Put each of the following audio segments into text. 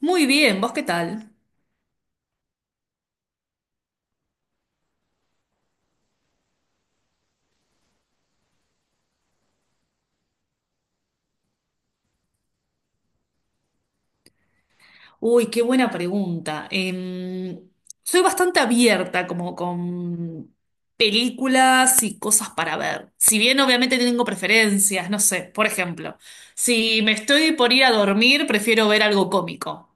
Muy bien, ¿vos qué tal? Uy, qué buena pregunta. Soy bastante abierta como con películas y cosas para ver. Si bien obviamente tengo preferencias, no sé, por ejemplo, si me estoy por ir a dormir, prefiero ver algo cómico.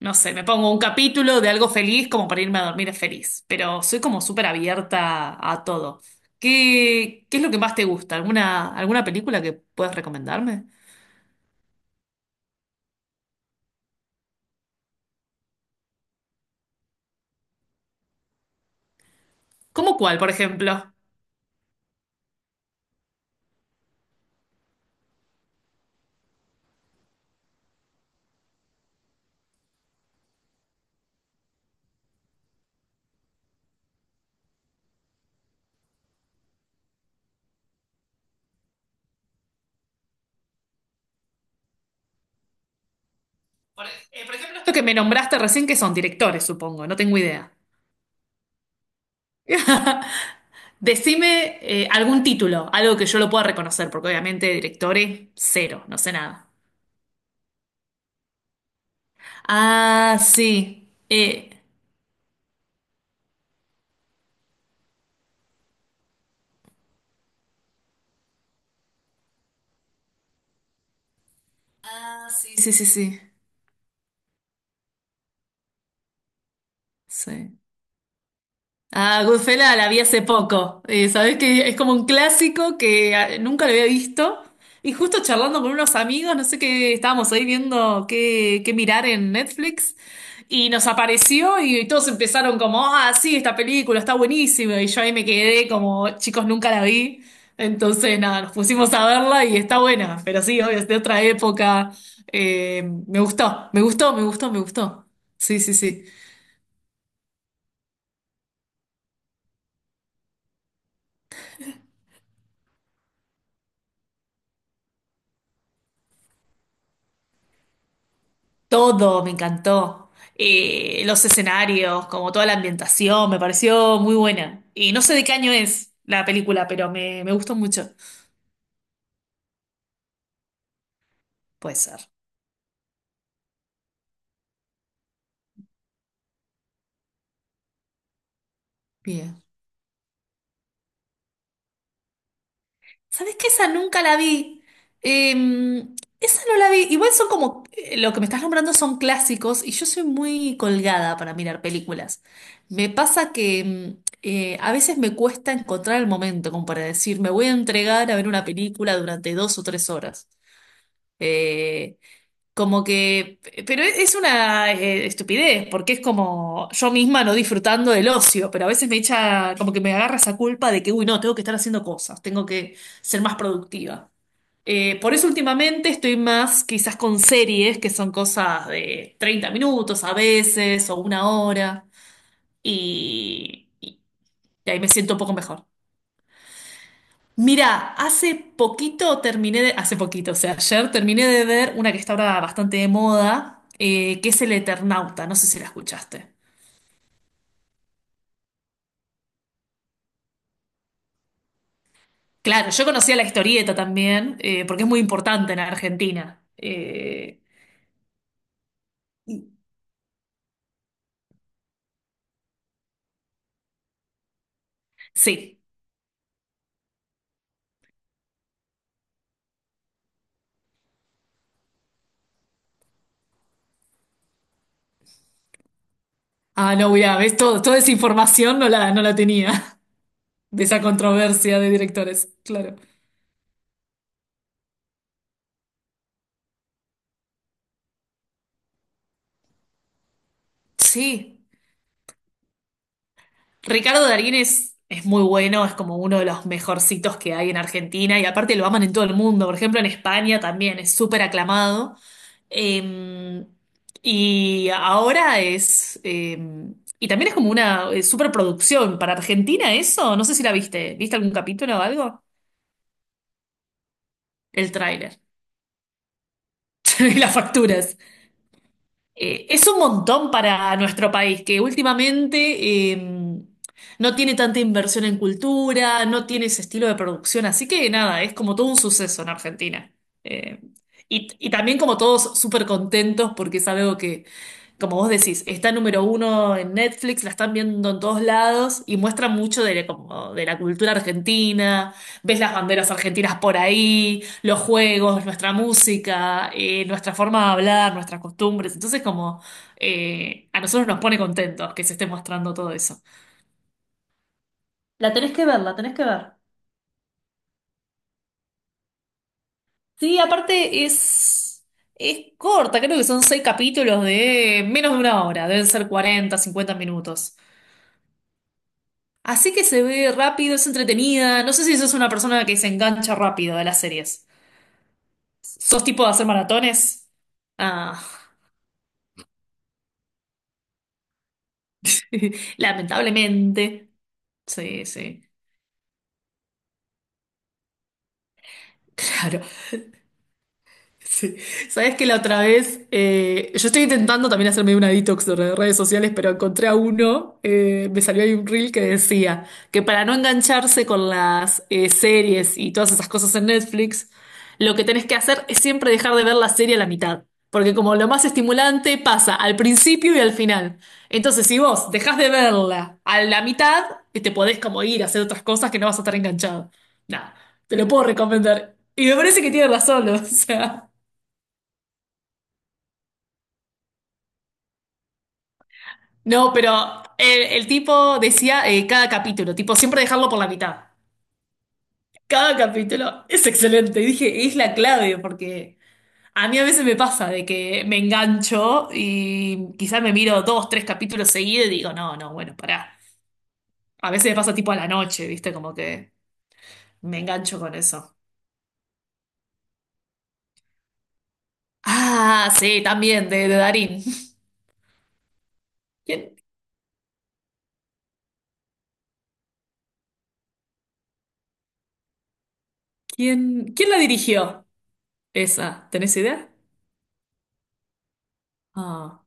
No sé, me pongo un capítulo de algo feliz como para irme a dormir feliz, pero soy como súper abierta a todo. ¿¿Qué es lo que más te gusta? ¿¿Alguna película que puedas recomendarme? ¿Cómo cuál, por ejemplo? Por ejemplo, esto que me nombraste recién, que son directores, supongo, no tengo idea. Decime algún título, algo que yo lo pueda reconocer, porque obviamente directores, cero, no sé nada. Ah, sí. Ah, sí, sí, sí, sí. Sí. Ah, Goodfellas la vi hace poco. Sabés que es como un clásico que ah, nunca lo había visto. Y justo charlando con unos amigos, no sé qué, estábamos ahí viendo qué mirar en Netflix. Y nos apareció y todos empezaron como, ah, sí, esta película está buenísima. Y yo ahí me quedé como, chicos, nunca la vi. Entonces, nada, nos pusimos a verla y está buena. Pero sí, obvio, es de otra época. Me gustó, me gustó, me gustó, me gustó. Sí, sí, sí. Todo, me encantó. Los escenarios, como toda la ambientación, me pareció muy buena. Y no sé de qué año es la película, pero me gustó mucho. Puede ser. Bien. ¿Sabes qué? Esa nunca la vi. Eh, Esa no la vi. Igual son como, lo que me estás nombrando son clásicos y yo soy muy colgada para mirar películas. Me pasa que a veces me cuesta encontrar el momento como para decir, me voy a entregar a ver una película durante dos o tres horas. Eh, Como que, pero es una estupidez, porque es como yo misma no disfrutando del ocio, pero a veces me echa, como que me agarra esa culpa de que, uy, no, tengo que estar haciendo cosas, tengo que ser más productiva. Por eso últimamente estoy más quizás con series, que son cosas de 30 minutos a veces, o una hora, y y ahí me siento un poco mejor. Mira, hace poquito hace poquito, o sea, ayer terminé de ver una que está ahora bastante de moda, que es El Eternauta, no sé si la escuchaste. Claro, yo conocía la historieta también, porque es muy importante en Argentina. Y- sí. Ah, no, mira, ves, todo, toda esa información no la tenía, de esa controversia de directores, claro. Sí. Ricardo Darín es muy bueno, es como uno de los mejorcitos que hay en Argentina y aparte lo aman en todo el mundo. Por ejemplo, en España también es súper aclamado. Eh, y ahora es... eh, y también es como una superproducción. Para Argentina eso, no sé si la viste. ¿Viste algún capítulo o algo? El tráiler. Y las facturas. Es un montón para nuestro país, que últimamente no tiene tanta inversión en cultura, no tiene ese estilo de producción, así que nada, es como todo un suceso en Argentina. Eh, y también como todos súper contentos porque es algo como vos decís, está número uno en Netflix, la están viendo en todos lados y muestra mucho de, como de la cultura argentina, ves las banderas argentinas por ahí, los juegos, nuestra música, nuestra forma de hablar, nuestras costumbres. Entonces, como a nosotros nos pone contentos que se esté mostrando todo eso. La tenés que ver, la tenés que ver. Sí, es corta, creo que son seis capítulos de menos de una hora, deben ser 40, 50 minutos. Así que se ve rápido, es entretenida. No sé si sos una persona que se engancha rápido de las series. ¿Sos tipo de hacer maratones? Ah, lamentablemente. Sí, sí. Claro. Sí. Sabes que la otra vez, yo estoy intentando también hacerme una detox de redes sociales, pero encontré a uno, me salió ahí un reel que decía que para no engancharse con las series y todas esas cosas en Netflix, lo que tenés que hacer es siempre dejar de ver la serie a la mitad, porque como lo más estimulante pasa al principio y al final. Entonces, si vos dejás de verla a la mitad, te podés como ir a hacer otras cosas que no vas a estar enganchado. Nada, te lo puedo recomendar. Y me parece que tiene razón, o sea. No, pero el tipo decía cada capítulo, tipo siempre dejarlo por la mitad. Cada capítulo es excelente. Y dije, es la clave, porque a mí a veces me pasa de que me engancho y quizás me miro dos, tres capítulos seguidos y digo, no, no, bueno, pará. A veces me pasa tipo a la noche, ¿viste? Como que me engancho con eso. Ah, sí, también, de Darín. ¿Quién, Quién la dirigió esa? ¿Tenés idea? Ah,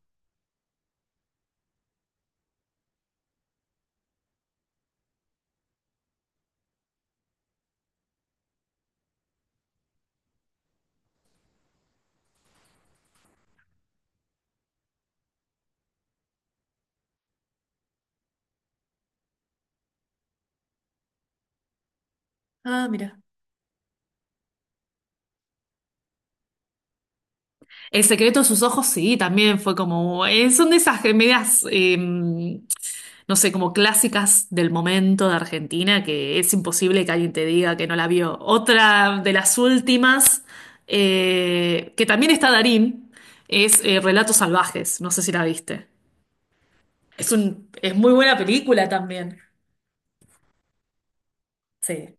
ah, mira. El secreto de sus ojos, sí, también fue como. Son de esas comedias, no sé, como clásicas del momento de Argentina, que es imposible que alguien te diga que no la vio. Otra de las últimas, que también está Darín, es Relatos Salvajes. No sé si la viste. Es muy buena película también. Sí.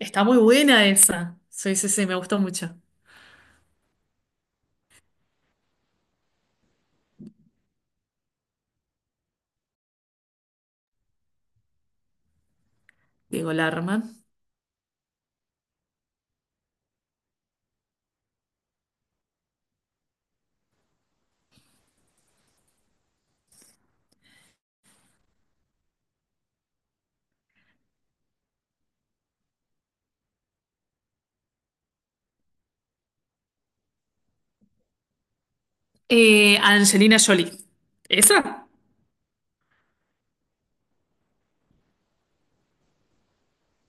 Está muy buena esa. Sí, sí, sí, me gustó mucho. Diego Larman. Angelina Jolie. ¿Esa?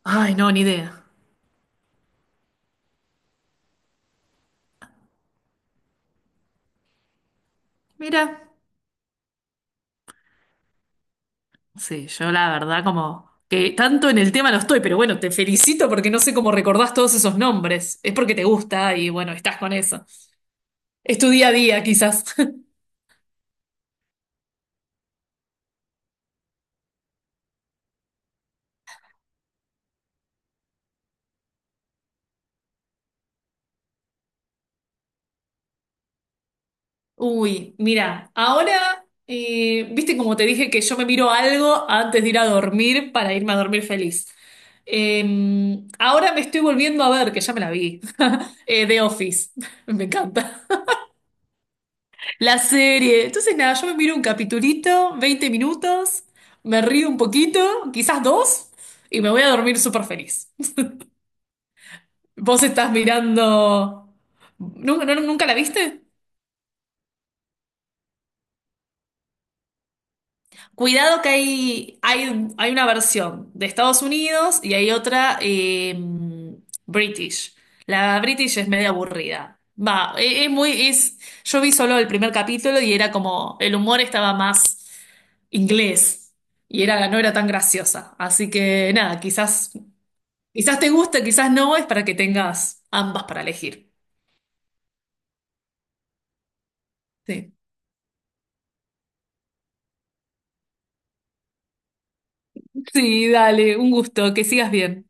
Ay, no, ni idea. Mira, sí, yo la verdad como que tanto en el tema no estoy, pero bueno, te felicito porque no sé cómo recordás todos esos nombres. Es porque te gusta y bueno, estás con eso. Es tu día a día, quizás. Uy, mira, ahora, viste como te dije que yo me miro algo antes de ir a dormir para irme a dormir feliz. Eh, Ahora me estoy volviendo a ver, que ya me la vi, The Office. Me encanta. La serie. Entonces, nada, yo me miro un capitulito, 20 minutos, me río un poquito, quizás dos, y me voy a dormir súper feliz. ¿Vos estás mirando... ¿Nunca la viste? Cuidado que hay una versión de Estados Unidos y hay otra British. La British es medio aburrida. Va, e- es, muy, es, Yo vi solo el primer capítulo y era como, el humor estaba más inglés y era, no era tan graciosa. Así que nada, quizás te guste, quizás no, es para que tengas ambas para elegir. Sí. Sí, dale, un gusto, que sigas bien.